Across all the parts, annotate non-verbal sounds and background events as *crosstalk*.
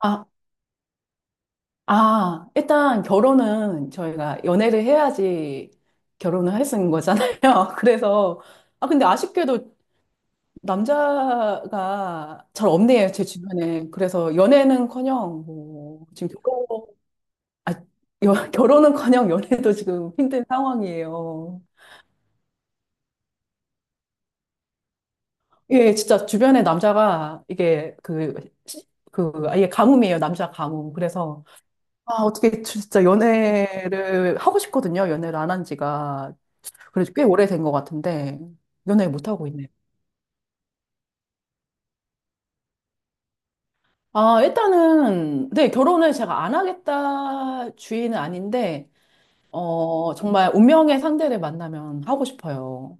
아, 일단 결혼은 저희가 연애를 해야지 결혼을 할 수 있는 거잖아요. *laughs* 그래서, 근데 아쉽게도 남자가 잘 없네요, 제 주변에. 그래서 연애는커녕, 지금 아, 결혼은커녕 연애도 지금 힘든 상황이에요. 예, 진짜 주변에 남자가 이게 그, 시- 그, 아예 가뭄이에요, 남자 가뭄. 어떻게 진짜 연애를 하고 싶거든요. 연애를 안 한 지가 그래도 꽤 오래된 것 같은데, 연애 못하고 있네요. 일단은, 네, 결혼을 제가 안 하겠다 주의는 아닌데, 정말 운명의 상대를 만나면 하고 싶어요.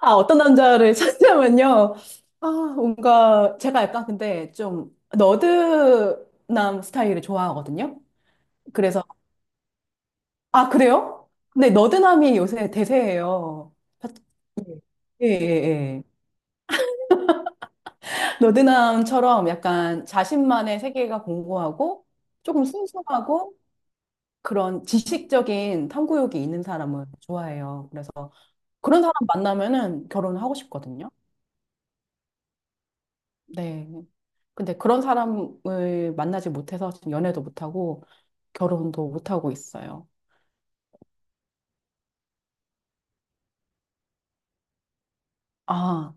아, 어떤 남자를 *laughs* 찾냐면요. 아, 뭔가, 제가 약간 근데 좀 너드남 스타일을 좋아하거든요. 그래서, 아, 그래요? 근데 너드남이 요새 대세예요. 예, 예, 예. 너드남처럼 약간 자신만의 세계가 공고하고 조금 순수하고 그런 지식적인 탐구욕이 있는 사람을 좋아해요. 그래서 그런 사람 만나면은 결혼하고 을 싶거든요. 네. 근데 그런 사람을 만나지 못해서 지금 연애도 못하고 결혼도 못하고 있어요. 아,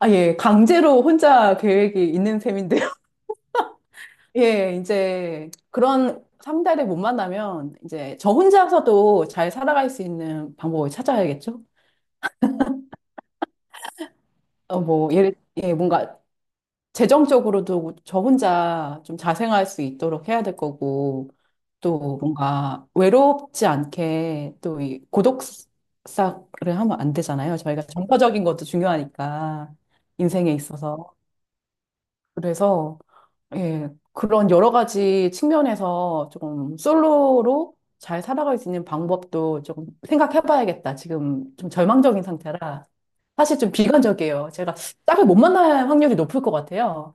예. 강제로 혼자 계획이 있는 셈인데요. *laughs* 예, 이제 그런 상대를 못 만나면 이제 저 혼자서도 잘 살아갈 수 있는 방법을 찾아야겠죠? 어, 뭐, 예를, 예, 뭔가 재정적으로도 저 혼자 좀 자생할 수 있도록 해야 될 거고, 또 뭔가 외롭지 않게 또 이 고독사를 하면 안 되잖아요. 저희가 정서적인 것도 중요하니까, 인생에 있어서. 그래서 예, 그런 여러 가지 측면에서 조금 솔로로 잘 살아갈 수 있는 방법도 조금 생각해봐야겠다. 지금 좀 절망적인 상태라 사실 좀 비관적이에요. 제가 짝을 못 만날 확률이 높을 것 같아요.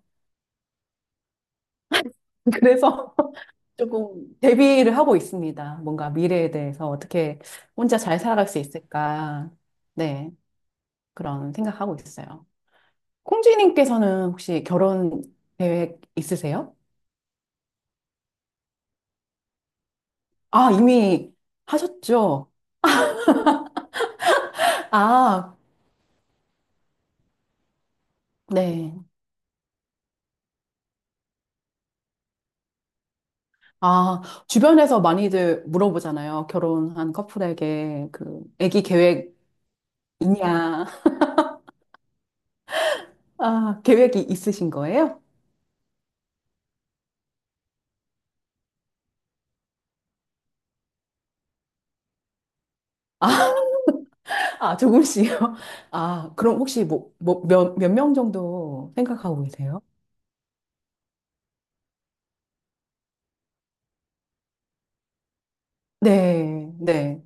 *laughs* 그래서 *laughs* 조금 대비를 하고 있습니다. 뭔가 미래에 대해서 어떻게 혼자 잘 살아갈 수 있을까. 네, 그런 생각하고 있어요. 콩쥐님께서는 혹시 결혼 계획 있으세요? 아, 이미 하셨죠? 아, 네. 아, 주변에서 많이들 물어보잖아요. 결혼한 커플에게 그 아기 계획 있냐? 아, 계획이 있으신 거예요? 아, 아, 조금씩요. 아, 그럼 혹시 몇 명 정도 생각하고 계세요? 네, 네.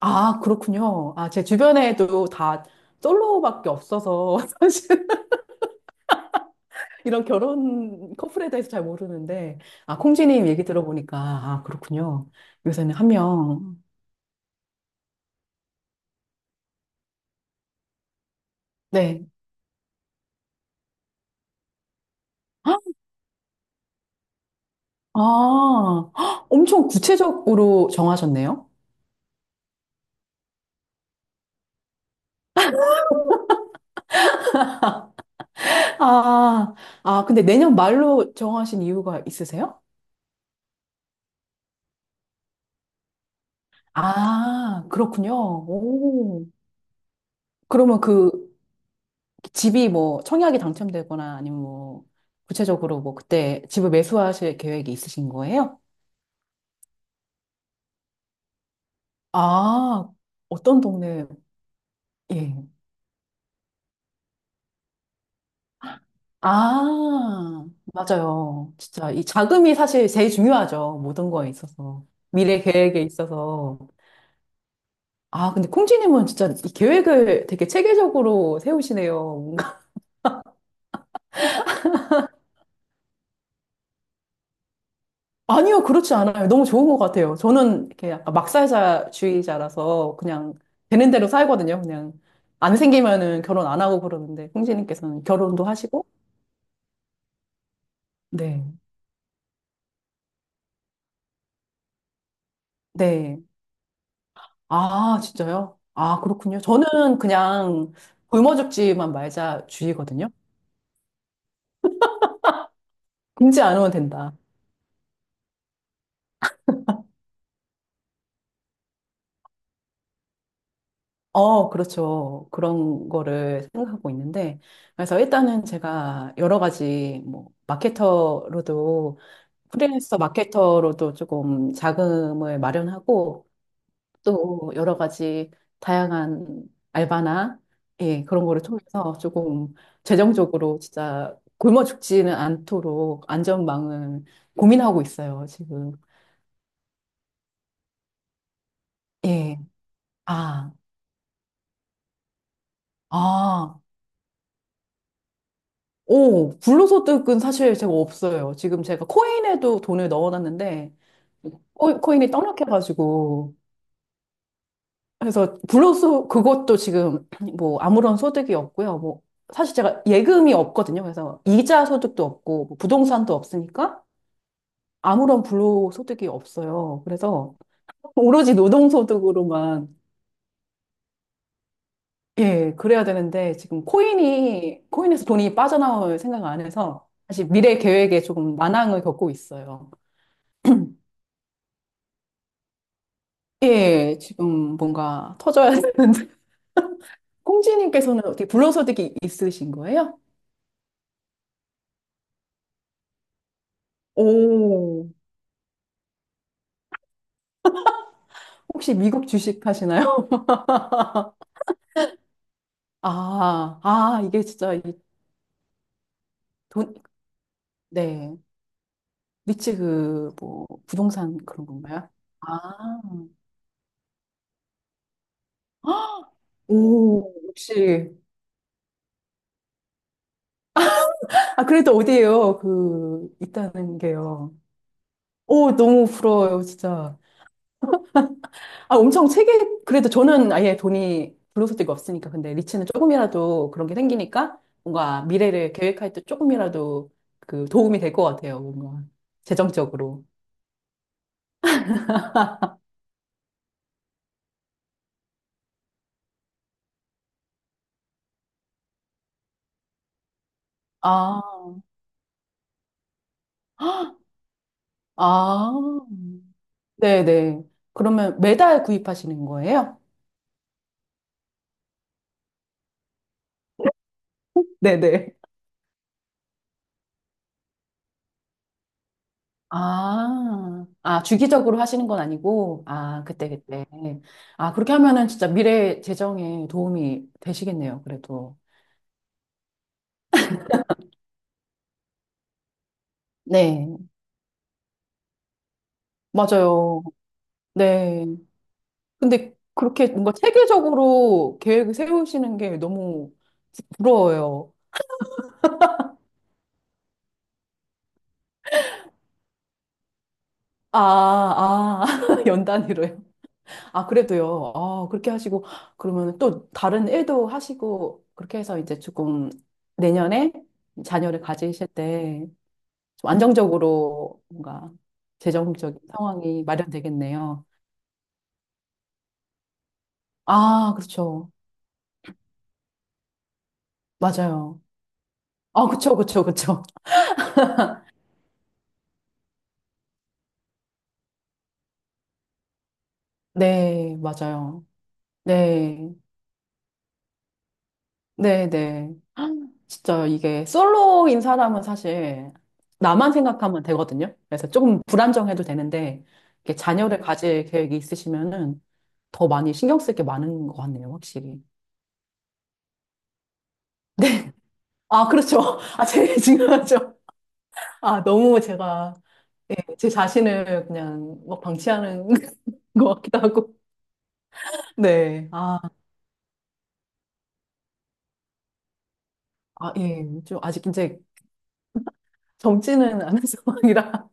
아, 그렇군요. 아, 제 주변에도 다 솔로밖에 없어서 *laughs* 사실 이런 결혼 커플에 대해서 잘 모르는데 아, 콩지님 얘기 들어보니까 아, 그렇군요. 요새는 한 명. 네. 아, 헉, 엄청 구체적으로 정하셨네요. 아, 근데 내년 말로 정하신 이유가 있으세요? 아, 그렇군요. 오. 그러면 그 집이 뭐 청약이 당첨되거나 아니면 뭐 구체적으로 뭐 그때 집을 매수하실 계획이 있으신 거예요? 아, 어떤 동네, 예. 아, 맞아요. 진짜 이 자금이 사실 제일 중요하죠. 모든 거에 있어서. 미래 계획에 있어서. 아, 근데 콩쥐님은 진짜 이 계획을 되게 체계적으로 세우시네요. 뭔가. *laughs* 아니요, 그렇지 않아요. 너무 좋은 것 같아요. 저는 이렇게 약간 막살자주의자라서 그냥 되는 대로 살거든요. 그냥 안 생기면은 결혼 안 하고 그러는데 콩쥐님께서는 결혼도 하시고. 네. 네. 아, 진짜요? 아, 그렇군요. 저는 그냥 굶어 죽지만 말자 주의거든요. 굶지 않으면 된다. 어, 그렇죠. 그런 거를 생각하고 있는데, 그래서 일단은 제가 여러 가지, 뭐, 마케터로도, 프리랜서 마케터로도 조금 자금을 마련하고, 또 여러 가지 다양한 알바나, 예, 그런 거를 통해서 조금 재정적으로 진짜 굶어 죽지는 않도록 안전망을 고민하고 있어요, 지금. 예. 아, 아. 오, 불로소 뜨은 사실 제가 없어요. 지금 제가 코인에도 돈을 넣어놨는데, 코인이 떡락해가지고. 그래서 불로소 그것도 지금 *clears throat* 뭐 아무런 소득이 없고요. 뭐, 사실 제가 예금이 없거든요. 그래서 이자 소득도 없고, 뭐 부동산도 없으니까 아무런 불로 소득이 없어요. 그래서 오로지 노동소득으로만, 예, 그래야 되는데, 코인에서 돈이 빠져나올 생각 안 해서, 사실 미래 계획에 조금 난항을 겪고 있어요. *clears throat* 예, 지금 뭔가 터져야 되는데. *laughs* 홍지님께서는 어떻게 불로소득이 있으신 거예요? 오, 혹시 미국 주식 하시나요? *laughs* 이게 진짜 이 돈, 네. 리츠 그, 뭐, 부동산 그런 건가요? 아, *gasps* 오, 역시. 아, 그래도 어디에요? 그, 있다는 게요. 오, 너무 부러워요, 진짜. 아, 엄청 세게, 그래도 저는 아예 돈이 불로소득이 없으니까. 근데 리츠는 조금이라도 그런 게 생기니까 뭔가 미래를 계획할 때 조금이라도 그 도움이 될 것 같아요. 뭔가 재정적으로. 아, 아, 네네. 그러면 매달 구입하시는 거예요? 네네. 아, 아, 주기적으로 하시는 건 아니고, 아, 그때, 그때. 아, 그렇게 하면은 진짜 미래 재정에 도움이 되시겠네요, 그래도. 네, 맞아요. 네. 근데 그렇게 뭔가 체계적으로 계획을 세우시는 게 너무 부러워요. 아, 아, *laughs* 연 단위로요. 아, 그래도요. 아, 그렇게 하시고, 그러면 또 다른 일도 하시고, 그렇게 해서 이제 조금 내년에 자녀를 가지실 때 좀 안정적으로 뭔가 재정적인 상황이 마련되겠네요. 아, 그렇죠. 맞아요. 아, 그쵸, 그쵸, 그쵸. 네, 맞아요. 네. 네네. 진짜 이게 솔로인 사람은 사실 나만 생각하면 되거든요. 그래서 조금 불안정해도 되는데, 이렇게 자녀를 가질 계획이 있으시면은 더 많이 신경 쓸 게 많은 것 같네요, 확실히. 네. 아, 그렇죠. *laughs* 아, 제일 중요하죠. 아, 너무 제가, 예, 제 자신을 그냥 막 방치하는 *laughs* 것 같기도 하고. 네. 예. 좀 아직 이제 젊지는 않은 *laughs* 상황이라.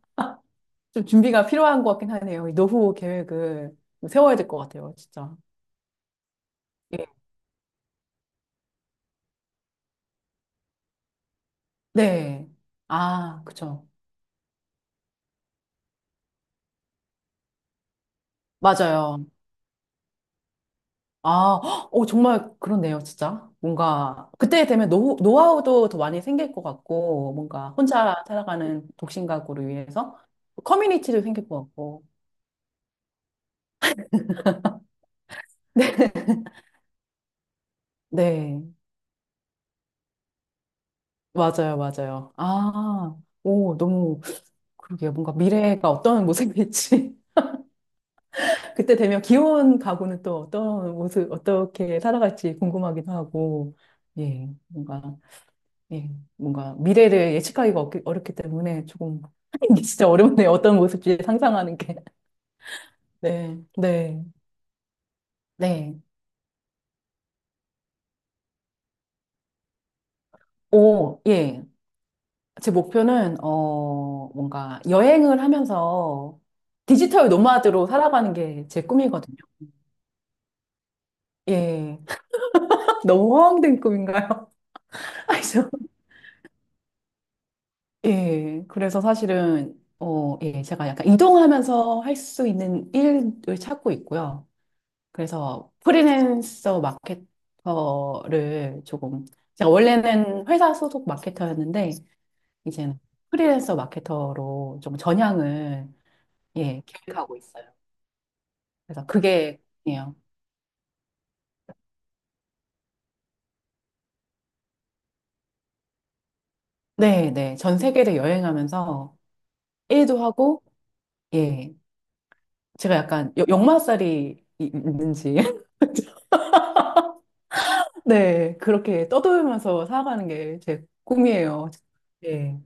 좀 준비가 필요한 것 같긴 하네요. 이 노후 계획을 좀 세워야 될 것 같아요, 진짜. 예. 네. 아, 그쵸. 맞아요. 아, 헉, 오, 정말 그렇네요, 진짜. 뭔가, 그때 되면 노후, 노하우도 더 많이 생길 것 같고, 뭔가 혼자 살아가는 독신 가구를 위해서 커뮤니티도 생길 것 같고. 네. 맞아요, 맞아요. 오, 너무, 그러게요. 뭔가 미래가 어떤 모습일지. 그때 되면 귀여운 가구는 또 어떤 모습, 어떻게 살아갈지 궁금하기도 하고, 예, 뭔가, 예, 뭔가 미래를 어렵기 때문에 조금, *laughs* 이게 진짜 어렵네요. 어떤 모습인지 상상하는 게. *laughs* 네, 네, 네. 오, 예. 뭔가 여행을 하면서 디지털 노마드로 살아가는 게 제 꿈이거든요. 예. *laughs* 너무 허황된 꿈인가요? *laughs* 아니, 저, 예, 그래서 사실은, 예, 제가 약간 이동하면서 할 수 있는 일을 찾고 있고요. 그래서 프리랜서 마케터를 조금, 제가 원래는 회사 소속 마케터였는데, 이제는 프리랜서 마케터로 좀 전향을, 예, 계획하고 있어요. 그래서 그게, 예요. 네, 네. 전 세계를 여행하면서 일도 하고, 예. 제가 약간 역마살이 있는지. *laughs* 네, 그렇게 떠돌면서 살아가는 게 제 꿈이에요. 네.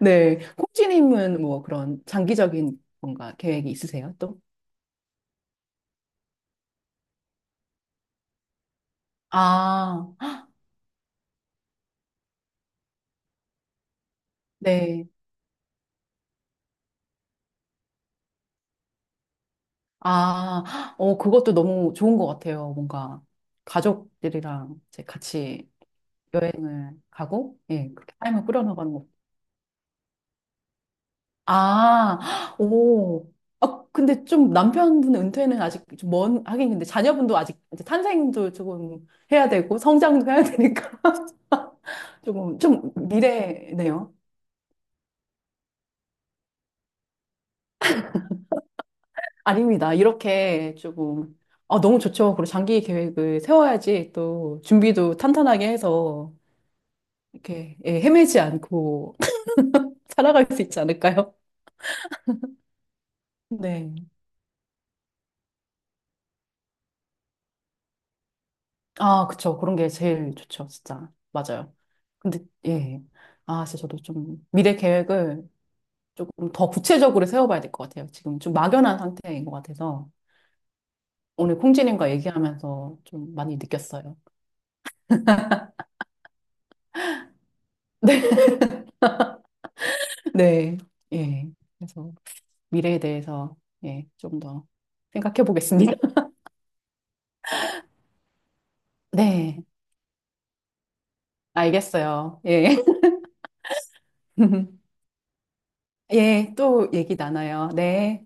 네, 콩쥐님은 뭐 그런 장기적인 뭔가 계획이 있으세요, 또? 아, 네. 아, 어, 그것도 너무 좋은 것 같아요. 뭔가 가족들이랑 이제 같이 여행을 가고, 예, 그렇게 삶을 꾸려나가는 것 아, 오. 아, 근데 좀 남편분 은퇴는 아직 좀 먼, 하긴 근데 자녀분도 아직 이제 탄생도 조금 해야 되고 성장도 해야 되니까 *laughs* 조금 좀 미래네요. 아닙니다. 이렇게 조금 아, 너무 좋죠. 그리고 장기 계획을 세워야지 또 준비도 탄탄하게 해서 이렇게 예, 헤매지 않고 *laughs* 살아갈 수 있지 않을까요? 네. 아, 그쵸. 그런 게 제일 좋죠. 진짜. 맞아요. 근데 예. 아, 진짜 저도 좀 미래 계획을 조금 더 구체적으로 세워봐야 될 것 같아요. 지금 좀 막연한 상태인 것 같아서 오늘 콩지님과 얘기하면서 좀 많이 느꼈어요. *laughs* 네, 네, 예. 그래서 미래에 대해서 예, 좀 더 생각해 보겠습니다. *laughs* 네, 알겠어요. 예. *laughs* 예, 또 얘기 나눠요. 네.